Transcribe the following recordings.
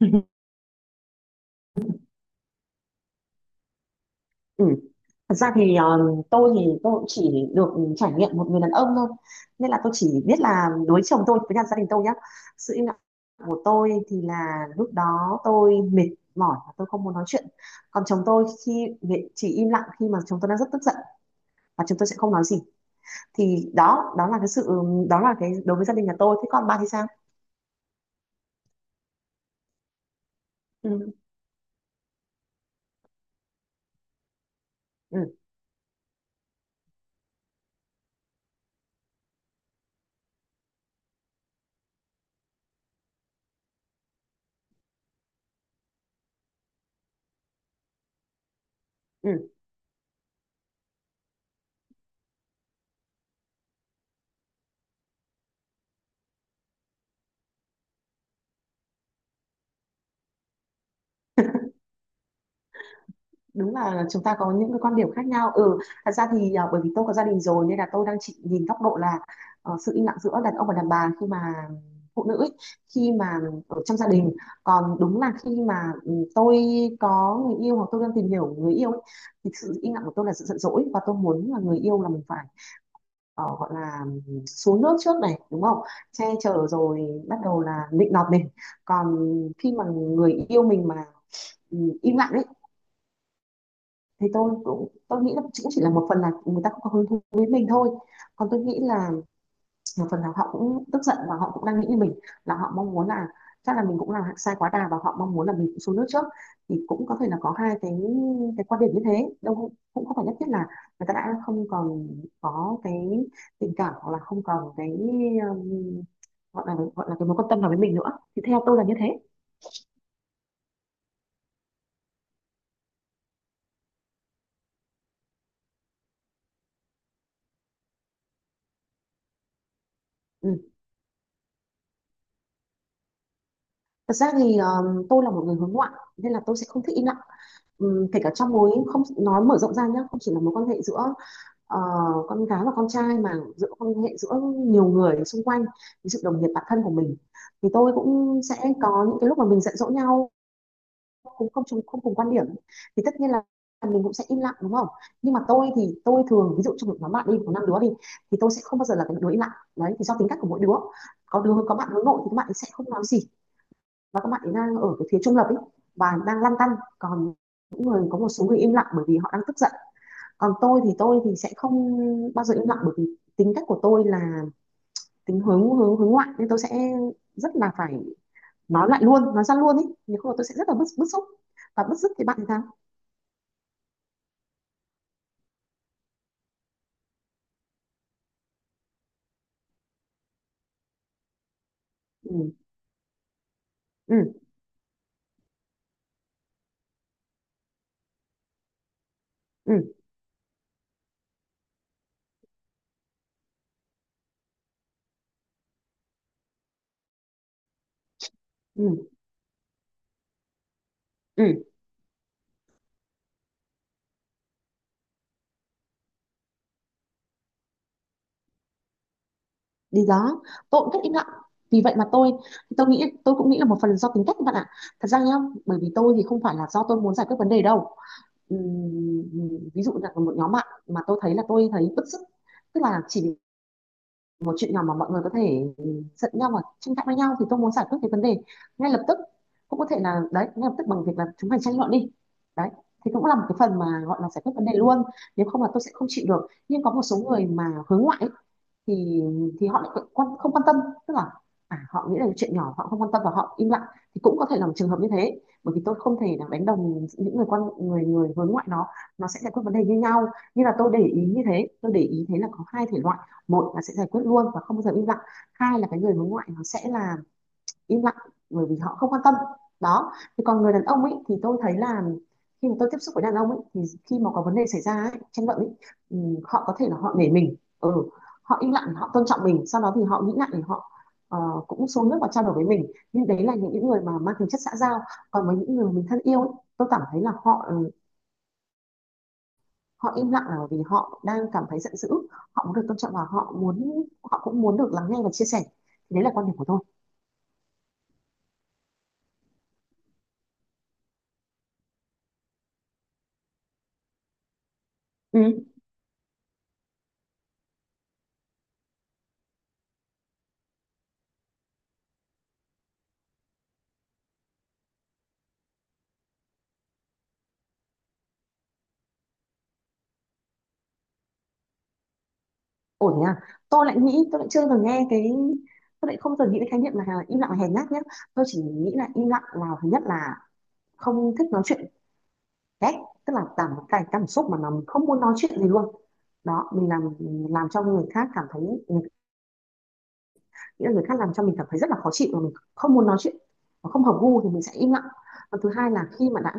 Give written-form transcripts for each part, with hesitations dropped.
Ừ. Thật ra thì tôi cũng chỉ được trải nghiệm một người đàn ông thôi, nên là tôi chỉ biết là đối chồng tôi với cả gia đình tôi nhá. Sự im lặng của tôi thì là lúc đó tôi mệt mỏi và tôi không muốn nói chuyện. Còn chồng tôi khi chỉ im lặng khi mà chồng tôi đang rất tức giận và chồng tôi sẽ không nói gì. Thì đó đó là cái sự, đó là cái đối với gia đình nhà tôi. Thế còn bà thì sao? Ừ, ừ, ừ, đúng là chúng ta có những cái quan điểm khác nhau. Ừ, thật ra thì bởi vì tôi có gia đình rồi nên là tôi đang chỉ nhìn góc độ là sự im lặng giữa đàn ông và đàn bà khi mà phụ nữ ấy, khi mà ở trong gia đình. Còn đúng là khi mà tôi có người yêu hoặc tôi đang tìm hiểu người yêu ấy, thì sự im lặng của tôi là sự giận dỗi và tôi muốn là người yêu là mình phải gọi là, xuống nước trước này, đúng không? Che chở rồi bắt đầu là nịnh nọt mình. Còn khi mà người yêu mình mà im lặng ấy, thì tôi nghĩ là cũng chỉ là một phần là người ta không có hứng thú với mình thôi. Còn tôi nghĩ là một phần là họ cũng tức giận và họ cũng đang nghĩ như mình, là họ mong muốn là chắc là mình cũng làm sai quá đà và họ mong muốn là mình cũng xuống nước trước. Thì cũng có thể là có hai cái quan điểm như thế, đâu cũng không phải nhất thiết là người ta đã không còn có cái tình cảm, hoặc là không còn cái um, gọi là, cái mối quan tâm nào với mình nữa. Thì theo tôi là như thế. Ừ. Thật ra thì tôi là một người hướng ngoại nên là tôi sẽ không thích im lặng. Kể cả trong mối không nói mở rộng ra nhé, không chỉ là mối quan hệ giữa ờ, con gái và con trai mà giữa quan hệ giữa nhiều người xung quanh, ví dụ đồng nghiệp, bạn thân của mình, thì tôi cũng sẽ có những cái lúc mà mình giận dỗ nhau, cũng không cùng quan điểm, thì tất nhiên là mình cũng sẽ im lặng, đúng không? Nhưng mà tôi thì tôi thường ví dụ trong một nhóm bạn đi, có năm đứa đi, thì tôi sẽ không bao giờ là cái đứa im lặng đấy, thì do tính cách của mỗi đứa. Có bạn hướng nội thì các bạn sẽ không nói gì, và các bạn ấy đang ở cái phía trung lập ấy, và đang lăn tăn. Còn những người có một số người im lặng bởi vì họ đang tức giận. Còn tôi thì sẽ không bao giờ im lặng bởi vì tính cách của tôi là tính hướng hướng hướng ngoại, nên tôi sẽ rất là phải nói lại luôn, nói ra luôn ấy, nếu không là tôi sẽ rất là bức bức xúc. Và bức xúc thì bạn thì sao? Ừ, ừ, ừ, ừ, ừ, đi đó. Tôi cũng rất im lặng, vì vậy mà tôi nghĩ, tôi cũng nghĩ là một phần do tính cách các bạn ạ. Thật ra nhá, bởi vì tôi thì không phải là do tôi muốn giải quyết vấn đề đâu. Ví dụ là một nhóm bạn mà tôi thấy bứt rứt, tức là chỉ một chuyện nhỏ mà mọi người có thể giận nhau và tranh cãi với nhau, thì tôi muốn giải quyết cái vấn đề ngay lập tức. Cũng có thể là đấy, ngay lập tức bằng việc là chúng mình tranh luận đi, đấy, thì cũng là một cái phần mà gọi là giải quyết vấn đề luôn, nếu không là tôi sẽ không chịu được. Nhưng có một số người mà hướng ngoại ấy, thì thì họ lại không quan tâm, tức là họ nghĩ là chuyện nhỏ họ không quan tâm và họ im lặng. Thì cũng có thể là một trường hợp như thế, bởi vì tôi không thể là đánh đồng những người người người hướng ngoại nó sẽ giải quyết vấn đề như nhau. Như là tôi để ý như thế, tôi để ý thấy là có hai thể loại. Một là sẽ giải quyết luôn và không bao giờ im lặng. Hai là cái người hướng ngoại nó sẽ là im lặng bởi vì họ không quan tâm. Đó. Thì còn người đàn ông ấy thì tôi thấy là khi mà tôi tiếp xúc với đàn ông ấy thì khi mà có vấn đề xảy ra ấy, tranh luận ấy, họ có thể là họ nể mình, ừ, họ im lặng, họ tôn trọng mình. Sau đó thì họ nghĩ lại thì họ ờ, cũng xuống nước và trao đổi với mình. Nhưng đấy là những người mà mang tính chất xã giao. Còn với những người mà mình thân yêu ấy, tôi cảm thấy là họ họ im lặng là bởi vì họ đang cảm thấy giận dữ, họ muốn được tôn trọng, và họ muốn, họ cũng muốn được lắng nghe và chia sẻ. Thì đấy là quan điểm của tôi. Ừ, ổn thế à? Tôi lại nghĩ tôi lại chưa từng nghe cái Tôi lại không từng nghĩ cái khái niệm là im lặng là hèn nhát nhé. Tôi chỉ nghĩ là im lặng là, thứ nhất là không thích nói chuyện, ghét, tức là cái cảm xúc mà nó không muốn nói chuyện gì luôn. Đó, mình làm cho người khác cảm thấy, mình- nghĩa là người khác làm cho mình cảm thấy rất là khó chịu và mình không muốn nói chuyện và không hợp gu thì mình sẽ im lặng. Và thứ hai là khi mà đã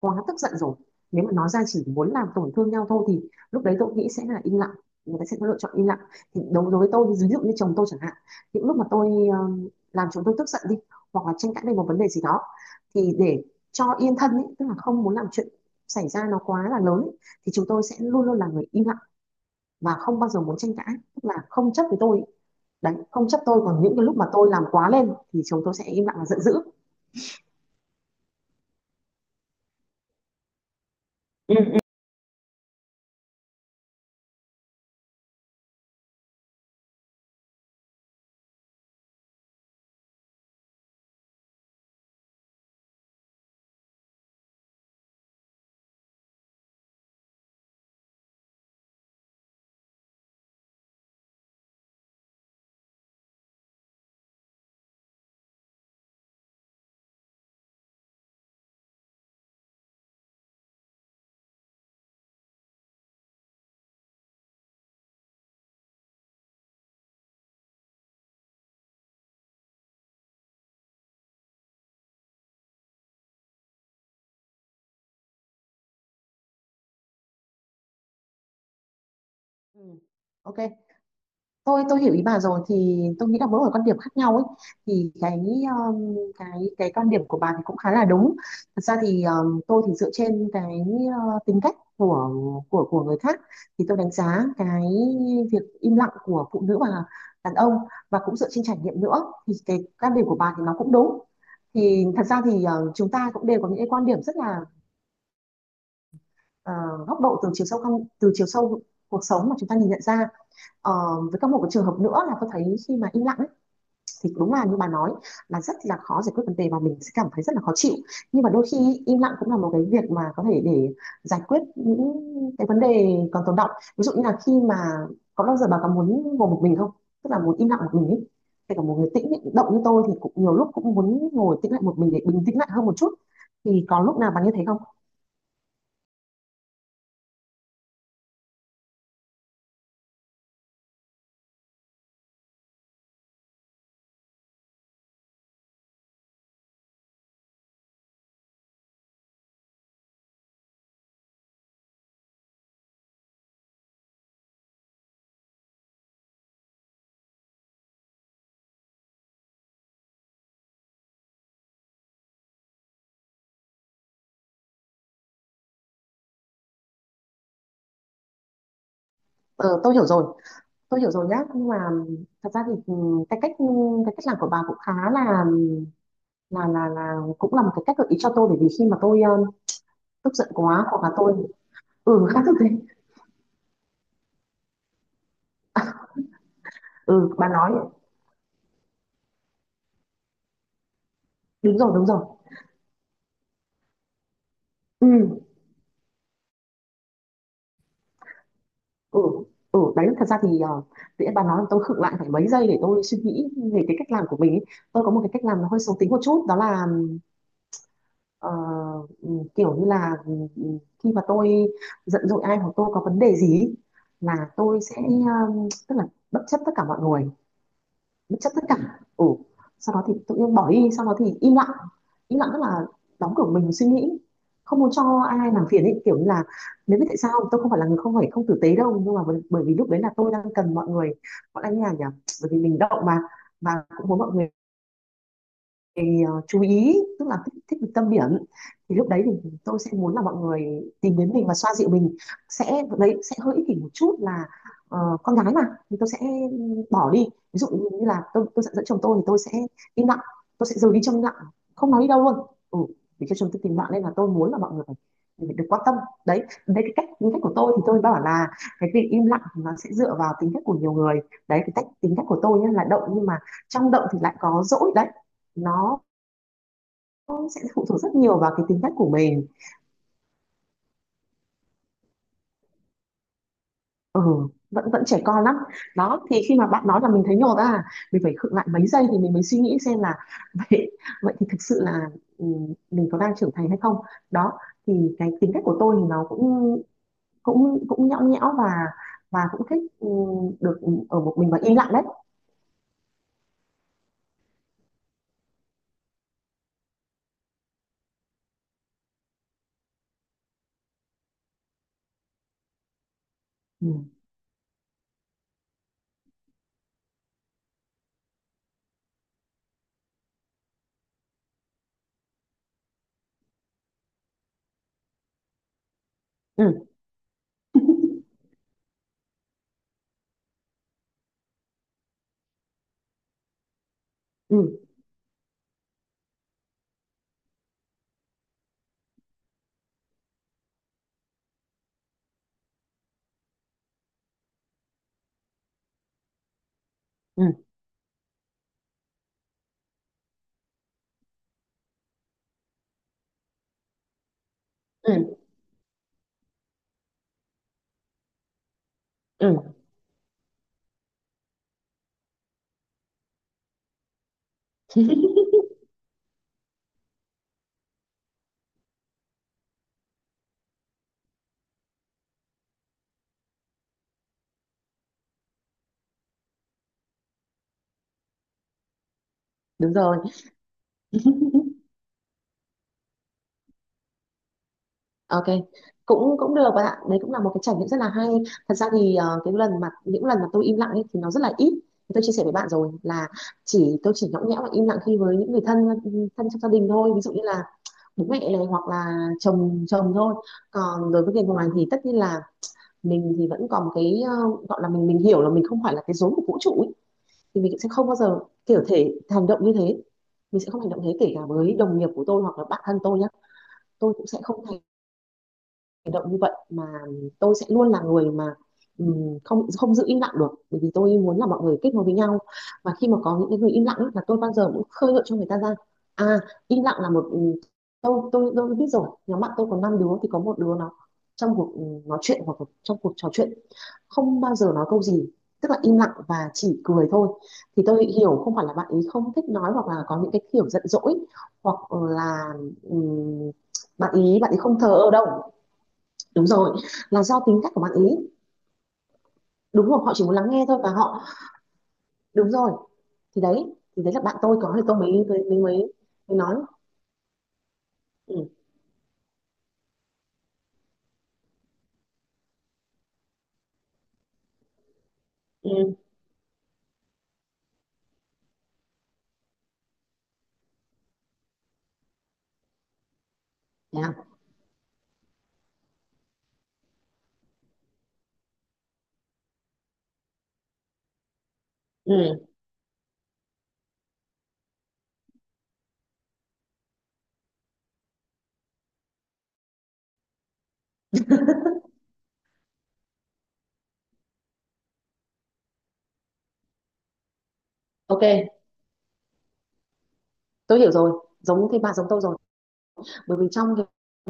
quá tức giận rồi, nếu mà nói ra chỉ muốn làm tổn thương nhau thôi thì lúc đấy tôi nghĩ sẽ là im lặng, người ta sẽ có lựa chọn im lặng. Thì đối đối với tôi, ví dụ như chồng tôi chẳng hạn, những lúc mà tôi làm chồng tôi tức giận đi, hoặc là tranh cãi về một vấn đề gì đó, thì để cho yên thân ấy, tức là không muốn làm chuyện xảy ra nó quá là lớn ấy, thì chúng tôi sẽ luôn luôn là người im lặng và không bao giờ muốn tranh cãi, tức là không chấp với tôi ấy. Đấy, không chấp tôi. Còn những cái lúc mà tôi làm quá lên thì chúng tôi sẽ im lặng và giận dữ. Ừ. Ừ. OK, tôi hiểu ý bà rồi, thì tôi nghĩ là mỗi người quan điểm khác nhau ấy. Thì cái cái quan điểm của bà thì cũng khá là đúng. Thật ra thì tôi thì dựa trên cái tính cách của của người khác, thì tôi đánh giá cái việc im lặng của phụ nữ và đàn ông, và cũng dựa trên trải nghiệm nữa, thì cái quan điểm của bà thì nó cũng đúng. Thì thật ra thì chúng ta cũng đều có những cái quan điểm rất là góc độ từ chiều sâu, không, từ chiều sâu cuộc sống mà chúng ta nhìn nhận ra. Ờ, với các một cái trường hợp nữa là tôi thấy khi mà im lặng thì đúng là như bà nói là rất là khó giải quyết vấn đề và mình sẽ cảm thấy rất là khó chịu, nhưng mà đôi khi im lặng cũng là một cái việc mà có thể để giải quyết những cái vấn đề còn tồn đọng. Ví dụ như là khi mà có bao giờ bà có muốn ngồi một mình không, tức là muốn im lặng một mình ấy? Kể cả một người tĩnh động như tôi thì cũng nhiều lúc cũng muốn ngồi tĩnh lại một mình để bình tĩnh lại hơn một chút, thì có lúc nào bà như thế không? Ờ, tôi hiểu rồi, tôi hiểu rồi nhá, nhưng mà thật ra thì cái cách cái cách làm của bà cũng khá là, cũng là một cái cách gợi ý cho tôi, bởi vì khi mà tôi tức giận quá, hoặc là tôi. Ừ, khác thực thế. Ừ, bà nói đúng rồi, đúng rồi. Ừ, ừ, ừ, đấy thật ra thì uh, tự nhiên bà nói tôi khựng lại phải mấy giây để tôi suy nghĩ về cái cách làm của mình ấy. Tôi có một cái cách làm nó hơi xấu tính một chút, đó là ờ, ừ, kiểu như là khi mà tôi giận dỗi ai hoặc tôi có vấn đề gì ấy, là tôi sẽ tức là bất chấp tất cả mọi người, bất chấp tất cả. Ừ, sau đó thì tự nhiên bỏ đi, sau đó thì im lặng. Im lặng tức là đóng cửa mình suy nghĩ, không muốn cho ai làm phiền ấy, kiểu như là nếu biết tại sao tôi không phải là người không phải không tử tế đâu, nhưng mà bởi vì lúc đấy là tôi đang cần mọi người, mọi anh nhà nhỉ, bởi vì mình động mà, và cũng muốn mọi người thì, chú ý, tức là thích được tâm điểm. Thì lúc đấy thì tôi sẽ muốn là mọi người tìm đến mình và xoa dịu mình. Sẽ đấy, sẽ hơi ích kỷ một chút là con gái mà. Thì tôi sẽ bỏ đi. Ví dụ như là tôi giận dỗi chồng tôi thì tôi sẽ im lặng, tôi sẽ rời đi trong im lặng, không nói đi đâu luôn. ừ, để cho chồng tôi tìm bạn, nên là tôi muốn là mọi người phải được quan tâm. Đấy, đấy cái cách tính cách của tôi, thì tôi bảo là cái việc im lặng thì nó sẽ dựa vào tính cách của nhiều người. Đấy cái cách tính cách của tôi nhé, là động, nhưng mà trong động thì lại có dỗi đấy, nó cũng sẽ phụ thuộc rất nhiều vào cái tính cách của mình. Ừ, vẫn vẫn trẻ con lắm. Đó, thì khi mà bạn nói là mình thấy nhột à, mình phải khựng lại mấy giây thì mình mới suy nghĩ xem là vậy, vậy thì thực sự là ừ, mình có đang trưởng thành hay không. Đó, thì cái tính cách của tôi thì nó cũng cũng cũng nhõng nhẽo, và cũng thích được ở một mình và im lặng đấy. Ừ, ừ, ừ, ừ, ừ, ừ. Đúng rồi. Ok, cũng cũng được bạn ạ. Đấy cũng là một cái trải nghiệm rất là hay. Thật ra thì cái lần mà những lần mà tôi im lặng ấy thì nó rất là ít. Thì tôi chia sẻ với bạn rồi là tôi chỉ nhõng nhẽo và im lặng khi với những người thân, thân trong gia đình thôi. Ví dụ như là bố mẹ này, hoặc là chồng chồng thôi. Còn đối với người ngoài thì tất nhiên là mình thì vẫn còn một cái gọi là mình hiểu là mình không phải là cái rốn của vũ trụ ấy. Thì mình sẽ không bao giờ kiểu thể hành động như thế. Mình sẽ không hành động thế kể cả với đồng nghiệp của tôi hoặc là bạn thân tôi nhé. Tôi cũng sẽ không hành động như vậy, mà tôi sẽ luôn là người mà không không giữ im lặng được, bởi vì tôi muốn là mọi người kết nối với nhau. Và khi mà có những cái người im lặng ấy, là tôi bao giờ cũng khơi gợi cho người ta ra. À, im lặng là một tôi biết rồi, nhóm bạn tôi có năm đứa, thì có một đứa nó trong cuộc nói chuyện hoặc trong cuộc trò chuyện không bao giờ nói câu gì, tức là im lặng và chỉ cười thôi. Thì tôi hiểu không phải là bạn ấy không thích nói, hoặc là có những cái kiểu giận dỗi, hoặc là ừm, bạn ấy không thờ ơ đâu. Đúng rồi, là do tính cách của bạn ấy. Đúng rồi, họ chỉ muốn lắng nghe thôi, và họ đúng rồi, thì đấy, thì đấy là bạn tôi có, thì tôi mới mới, mới nói. Ừ, ừ, thế à? Ừ, ok, tôi hiểu rồi. Giống thế, bà giống tôi rồi. Bởi vì trong cái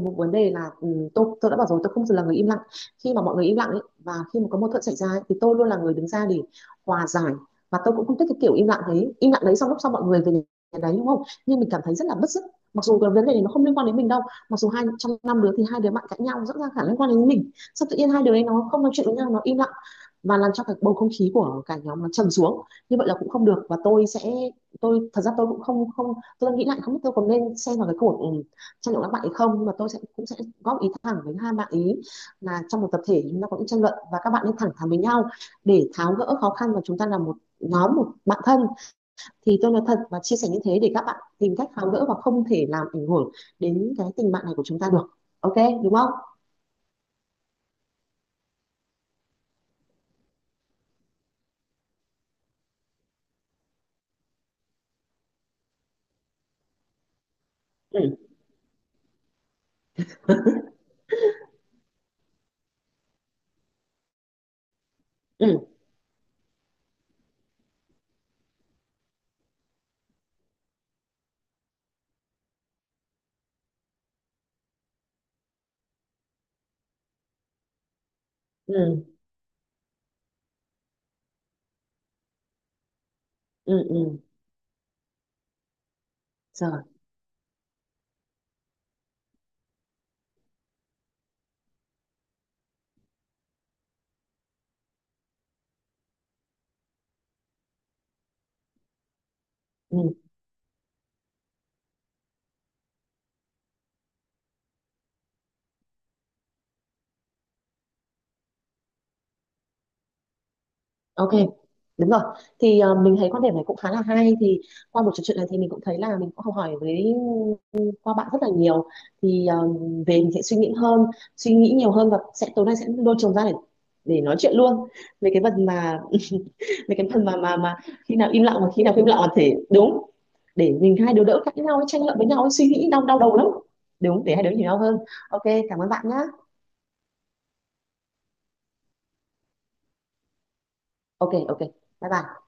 một vấn đề là tôi đã bảo rồi, tôi không là người im lặng. Khi mà mọi người im lặng ấy, và khi mà có mâu thuẫn xảy ra ấy, thì tôi luôn là người đứng ra để hòa giải. Và tôi cũng không thích cái kiểu im lặng đấy xong lúc sau mọi người về nhà đấy, đúng không, nhưng mình cảm thấy rất là bứt rứt, mặc dù cái vấn đề này nó không liên quan đến mình đâu. Mặc dù hai trong năm đứa thì hai đứa bạn cãi nhau rõ ràng khả năng liên quan đến mình, xong tự nhiên hai đứa ấy nó không nói chuyện với nhau, nó im lặng, và làm cho cái bầu không khí của cả nhóm nó trầm xuống. Như vậy là cũng không được, và tôi sẽ tôi thật ra tôi cũng không không tôi đang nghĩ lại không biết tôi còn nên xem vào cái cuộc tranh luận các bạn ấy không, mà tôi sẽ cũng sẽ góp ý thẳng với hai bạn ý, là trong một tập thể chúng ta có những tranh luận, và các bạn nên thẳng thắn với nhau để tháo gỡ khó khăn, và chúng ta là một nhóm, một bạn thân, thì tôi nói thật và chia sẻ như thế để các bạn tìm cách tháo gỡ, và không thể làm ảnh hưởng đến cái tình bạn này của chúng ta được. Ok, đúng không? Ừ, ừ, ừ, ừ, ừ, rồi, ừ. Ok, đúng rồi. Thì mình thấy quan điểm này cũng khá là hay. Thì qua buổi trò chuyện này thì mình cũng thấy là mình cũng học hỏi với qua bạn rất là nhiều. Thì về mình sẽ suy nghĩ hơn, suy nghĩ nhiều hơn, và sẽ tối nay sẽ lôi chồng ra để nói chuyện luôn về cái phần mà về cái phần mà mà khi nào im lặng và khi nào không im lặng là thể đúng, để mình hai đứa đỡ cãi nhau ấy, tranh luận với nhau ấy, suy nghĩ đau đau đầu lắm. Đúng, để hai đứa hiểu nhau hơn. Ok, cảm ơn bạn nhá. Ok, ok, bye bye.